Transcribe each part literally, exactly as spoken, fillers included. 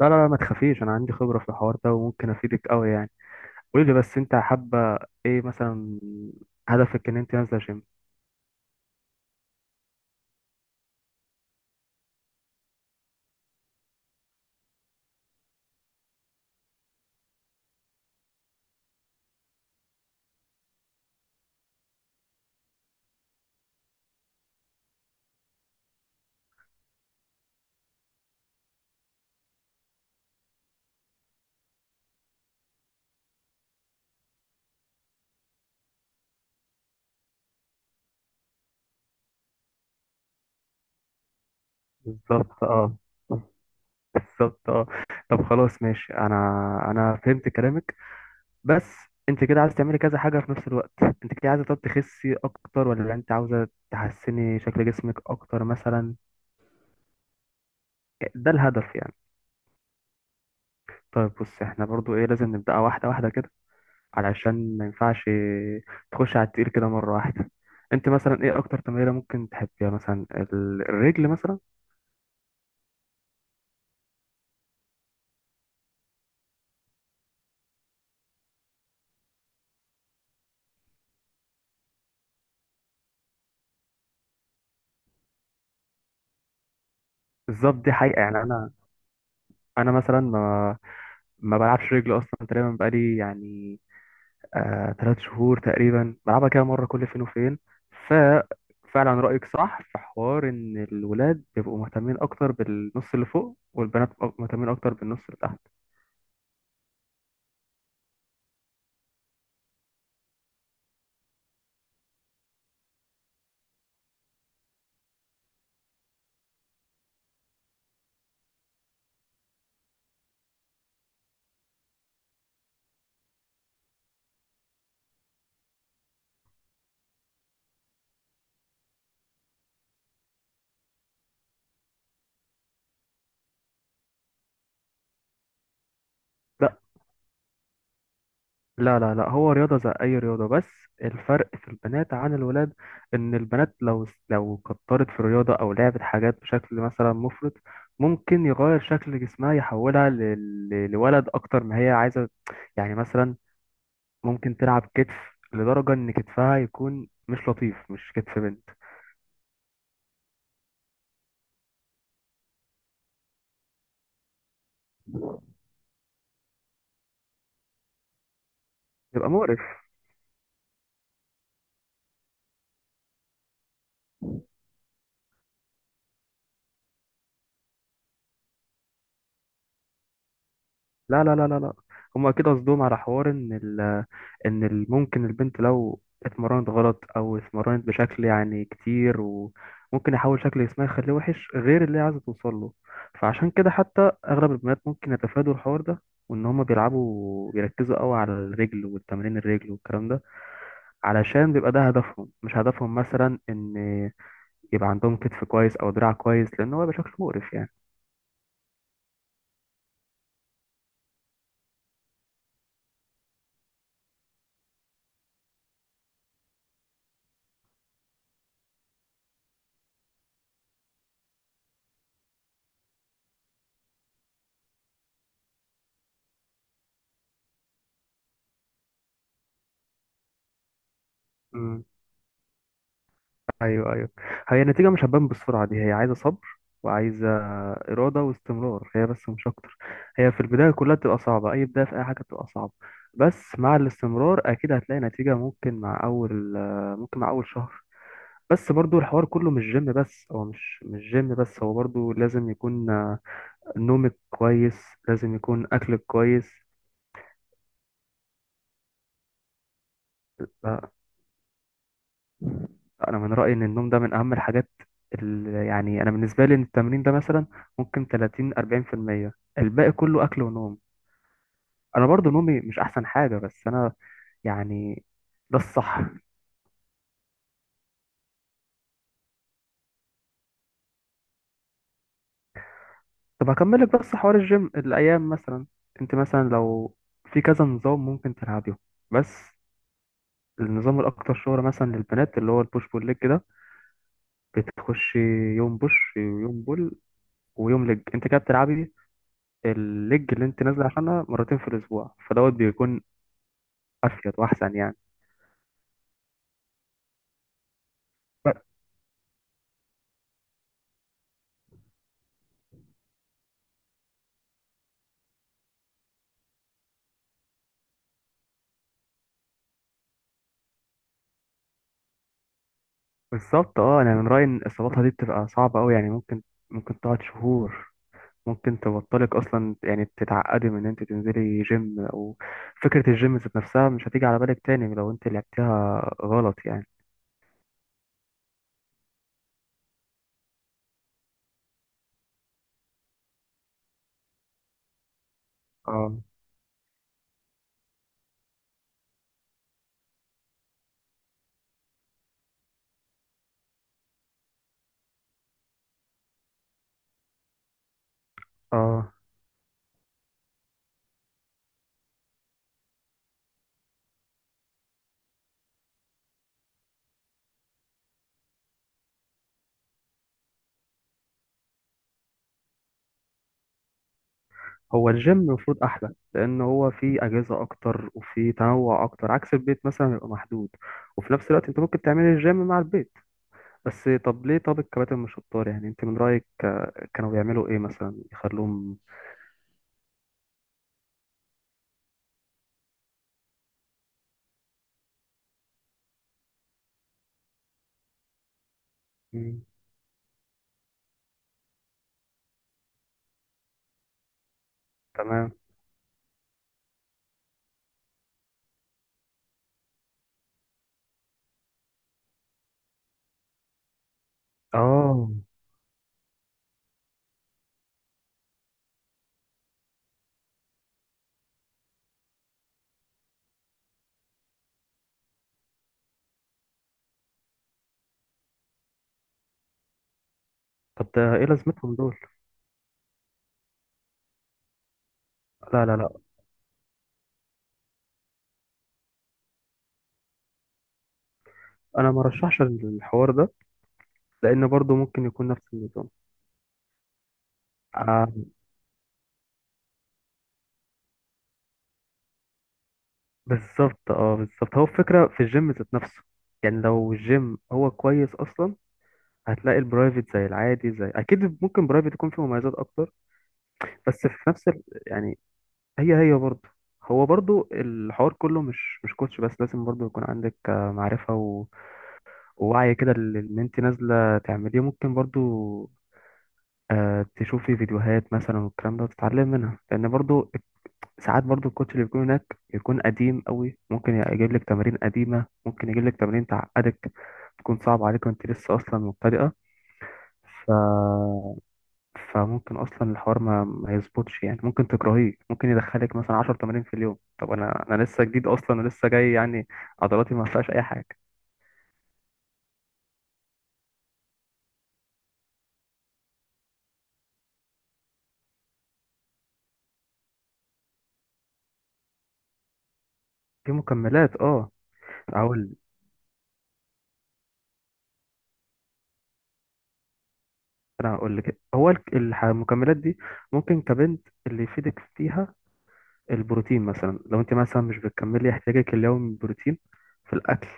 لا لا لا، ما تخافيش. انا عندي خبرة في الحوار ده وممكن افيدك قوي يعني. قولي لي بس، انت حابة ايه مثلا؟ هدفك ان انت نازلة جيم؟ بالظبط، اه. بالظبط، اه. طب خلاص، ماشي. انا انا فهمت كلامك. بس انت كده عايزه تعملي كذا حاجه في نفس الوقت، انت كده عايزه، طب تخسي اكتر ولا انت عاوزه تحسني شكل جسمك اكتر مثلا؟ ده الهدف يعني. طيب بص، احنا برضو ايه، لازم نبدأ واحده واحده كده، علشان ما ينفعش تخش على التقيل كده مرة واحدة. انت مثلا ايه اكتر تمرينة ممكن تحبيها؟ مثلا ال- الرجل مثلا. بالظبط، دي حقيقة يعني. انا انا مثلا ما ما بلعبش رجل اصلا تقريبا. بقالي يعني آه ثلاث شهور تقريبا بلعبها كده مرة كل فين وفين. ف فعلا رأيك صح في حوار ان الولاد بيبقوا مهتمين اكتر بالنص اللي فوق، والبنات مهتمين اكتر بالنص اللي تحت. لا لا لا لا، هو رياضة زي أي رياضة. بس الفرق في البنات عن الولاد إن البنات لو لو كترت في الرياضة أو لعبت حاجات بشكل مثلا مفرط، ممكن يغير شكل جسمها، يحولها ل- ل- لولد أكتر ما هي عايزة. يعني مثلا ممكن تلعب كتف لدرجة إن كتفها يكون مش لطيف، مش كتف بنت. يبقى مقرف. لا لا لا لا لا، هما كده قصدهم على حوار ان ال ان ال- ممكن البنت لو اتمرنت غلط او اتمرنت بشكل يعني كتير، وممكن يحول شكل جسمها يخليه وحش غير اللي هي عايزه توصل له. فعشان كده حتى اغلب البنات ممكن يتفادوا الحوار ده، وان هما بيلعبوا بيركزوا قوي على الرجل والتمرين الرجل والكلام ده، علشان بيبقى ده هدفهم، مش هدفهم مثلا ان يبقى عندهم كتف كويس او دراع كويس، لان هو بيبقى شكله مقرف. يعني، ايوه ايوه. هي النتيجه مش هتبان بالسرعه دي. هي عايزه صبر وعايزه اراده واستمرار، هي بس مش اكتر. هي في البدايه كلها بتبقى صعبه، اي بدايه في اي حاجه بتبقى صعبه. بس مع الاستمرار اكيد هتلاقي نتيجه، ممكن مع اول، ممكن مع اول شهر. بس برضو الحوار كله مش جيم بس. هو مش مش جيم بس، هو برضو لازم يكون آه، نومك كويس، لازم يكون اكلك كويس. انا من رايي ان النوم ده من اهم الحاجات، اللي يعني انا بالنسبه لي، إن التمرين ده مثلا ممكن تلاتين أربعين في المية، الباقي كله اكل ونوم. انا برضو نومي مش احسن حاجه، بس انا يعني ده الصح. طب هكمل لك بس حوار الجيم. الايام مثلا انت مثلا لو في كذا نظام ممكن تلعبيه، بس النظام الاكتر شهرة مثلا للبنات اللي هو البوش بول ليج ده، بتخش يوم بوش ويوم بول ويوم ليج. انت كده بتلعبي الليج اللي انت نازله عشانها مرتين في الاسبوع، فدوت بيكون افيد واحسن يعني. ب- بالظبط، اه. انا من رايي ان اصاباتها دي بتبقى صعبه قوي يعني، ممكن ممكن تقعد شهور، ممكن تبطلك اصلا. يعني تتعقدي من ان انت تنزلي جيم، او فكره الجيم ذات نفسها مش هتيجي على بالك تاني لو انت لعبتها غلط يعني. اه، اه. هو الجيم المفروض احلى لان هو فيه اجهزه اكتر وفيه تنوع اكتر، عكس البيت مثلا بيبقى محدود. وفي نفس الوقت انت ممكن تعملي الجيم مع البيت. بس طب ليه؟ طب الكباتن مش شطار يعني؟ انت من رأيك آه، كانوا بيعملوا ايه مثلا يخلوهم؟ مم، تمام. اه. طب ده ايه لازمتهم دول؟ لا لا لا، انا ما رشحش الحوار ده، لان برضو ممكن يكون نفس النظام. آه، بالظبط، اه. بالظبط، هو الفكرة في الجيم ذات نفسه. يعني لو الجيم هو كويس اصلا، هتلاقي البرايفت زي العادي زي، اكيد ممكن برايفت يكون فيه مميزات اكتر، بس في نفس ال، يعني هي هي برضه هو برضه الحوار كله مش مش كوتش بس. لازم برضه يكون عندك آه، معرفة و- ووعي كده لل- اللي انت نازلة تعمليه. ممكن برضه آه، تشوفي فيديوهات مثلا والكلام ده وتتعلم منها، لأن برضه ساعات برضه الكوتش اللي بيكون هناك بيكون قديم قوي، ممكن يجيب لك تمارين قديمة، ممكن يجيب لك تمارين تعقدك، تكون صعبة عليك وانت لسه أصلا مبتدئة. فممكن اصلا الحوار ما ما يظبطش يعني، ممكن تكرهيه، ممكن يدخلك مثلا 10 تمارين في اليوم. طب انا انا لسه جديد اصلا ولسه جاي يعني، عضلاتي ما فيهاش اي حاجه. في مكملات، اه. هقول، انا هقول لك، هو الك- الح- المكملات دي ممكن كبنت اللي يفيدك فيها البروتين. مثلا لو انت مثلا مش بتكملي احتياجك اليومي من البروتين في الاكل،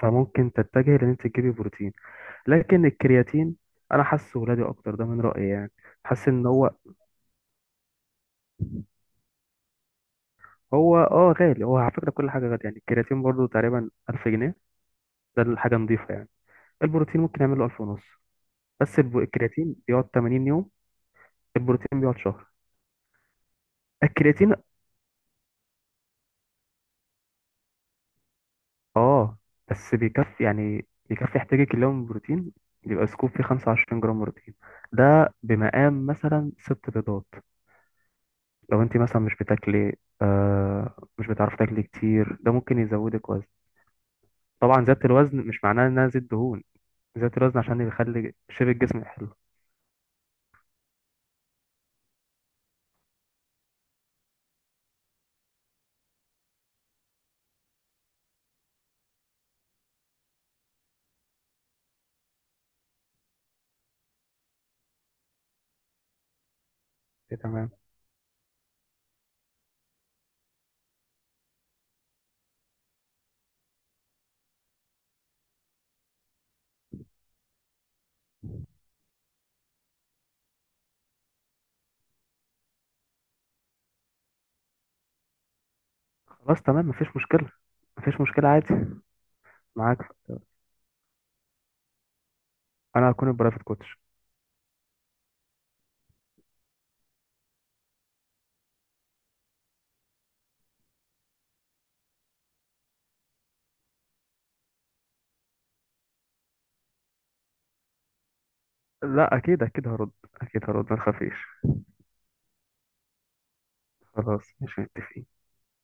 فممكن تتجهي لان انت تجيبي بروتين. لكن الكرياتين انا حاسه ولادي اكتر، ده من رايي يعني. حاسس ان هو هو اه، غالي. هو على فكرة كل حاجة غالية يعني. الكرياتين برضو تقريبا ألف جنيه، ده الحاجة نظيفة يعني. البروتين ممكن يعمل له ألف ونص، بس الب- الكرياتين بيقعد 80 يوم، البروتين بيقعد شهر. الكرياتين، اه. بس بيكفي يعني، بيكفي احتياجك اليوم بروتين. بيبقى سكوب فيه خمسة وعشرين جرام بروتين، ده بمقام مثلا ست بيضات. لو انت مثلا مش بتاكلي، آه مش بتعرفي تاكلي كتير، ده ممكن يزودك وزن. طبعا زيادة الوزن مش معناها انها زيت دهون، زيادة الوزن عشان يخلي شيب الجسم حلو. تمام. خلاص، تمام. مفيش مشكلة، مفيش مشكلة عادي، معاك. أنا هكون البرايفت كوتش. لا، أكيد أكيد هرد، أكيد هرد، ما تخافيش. خلاص، مش متفقين.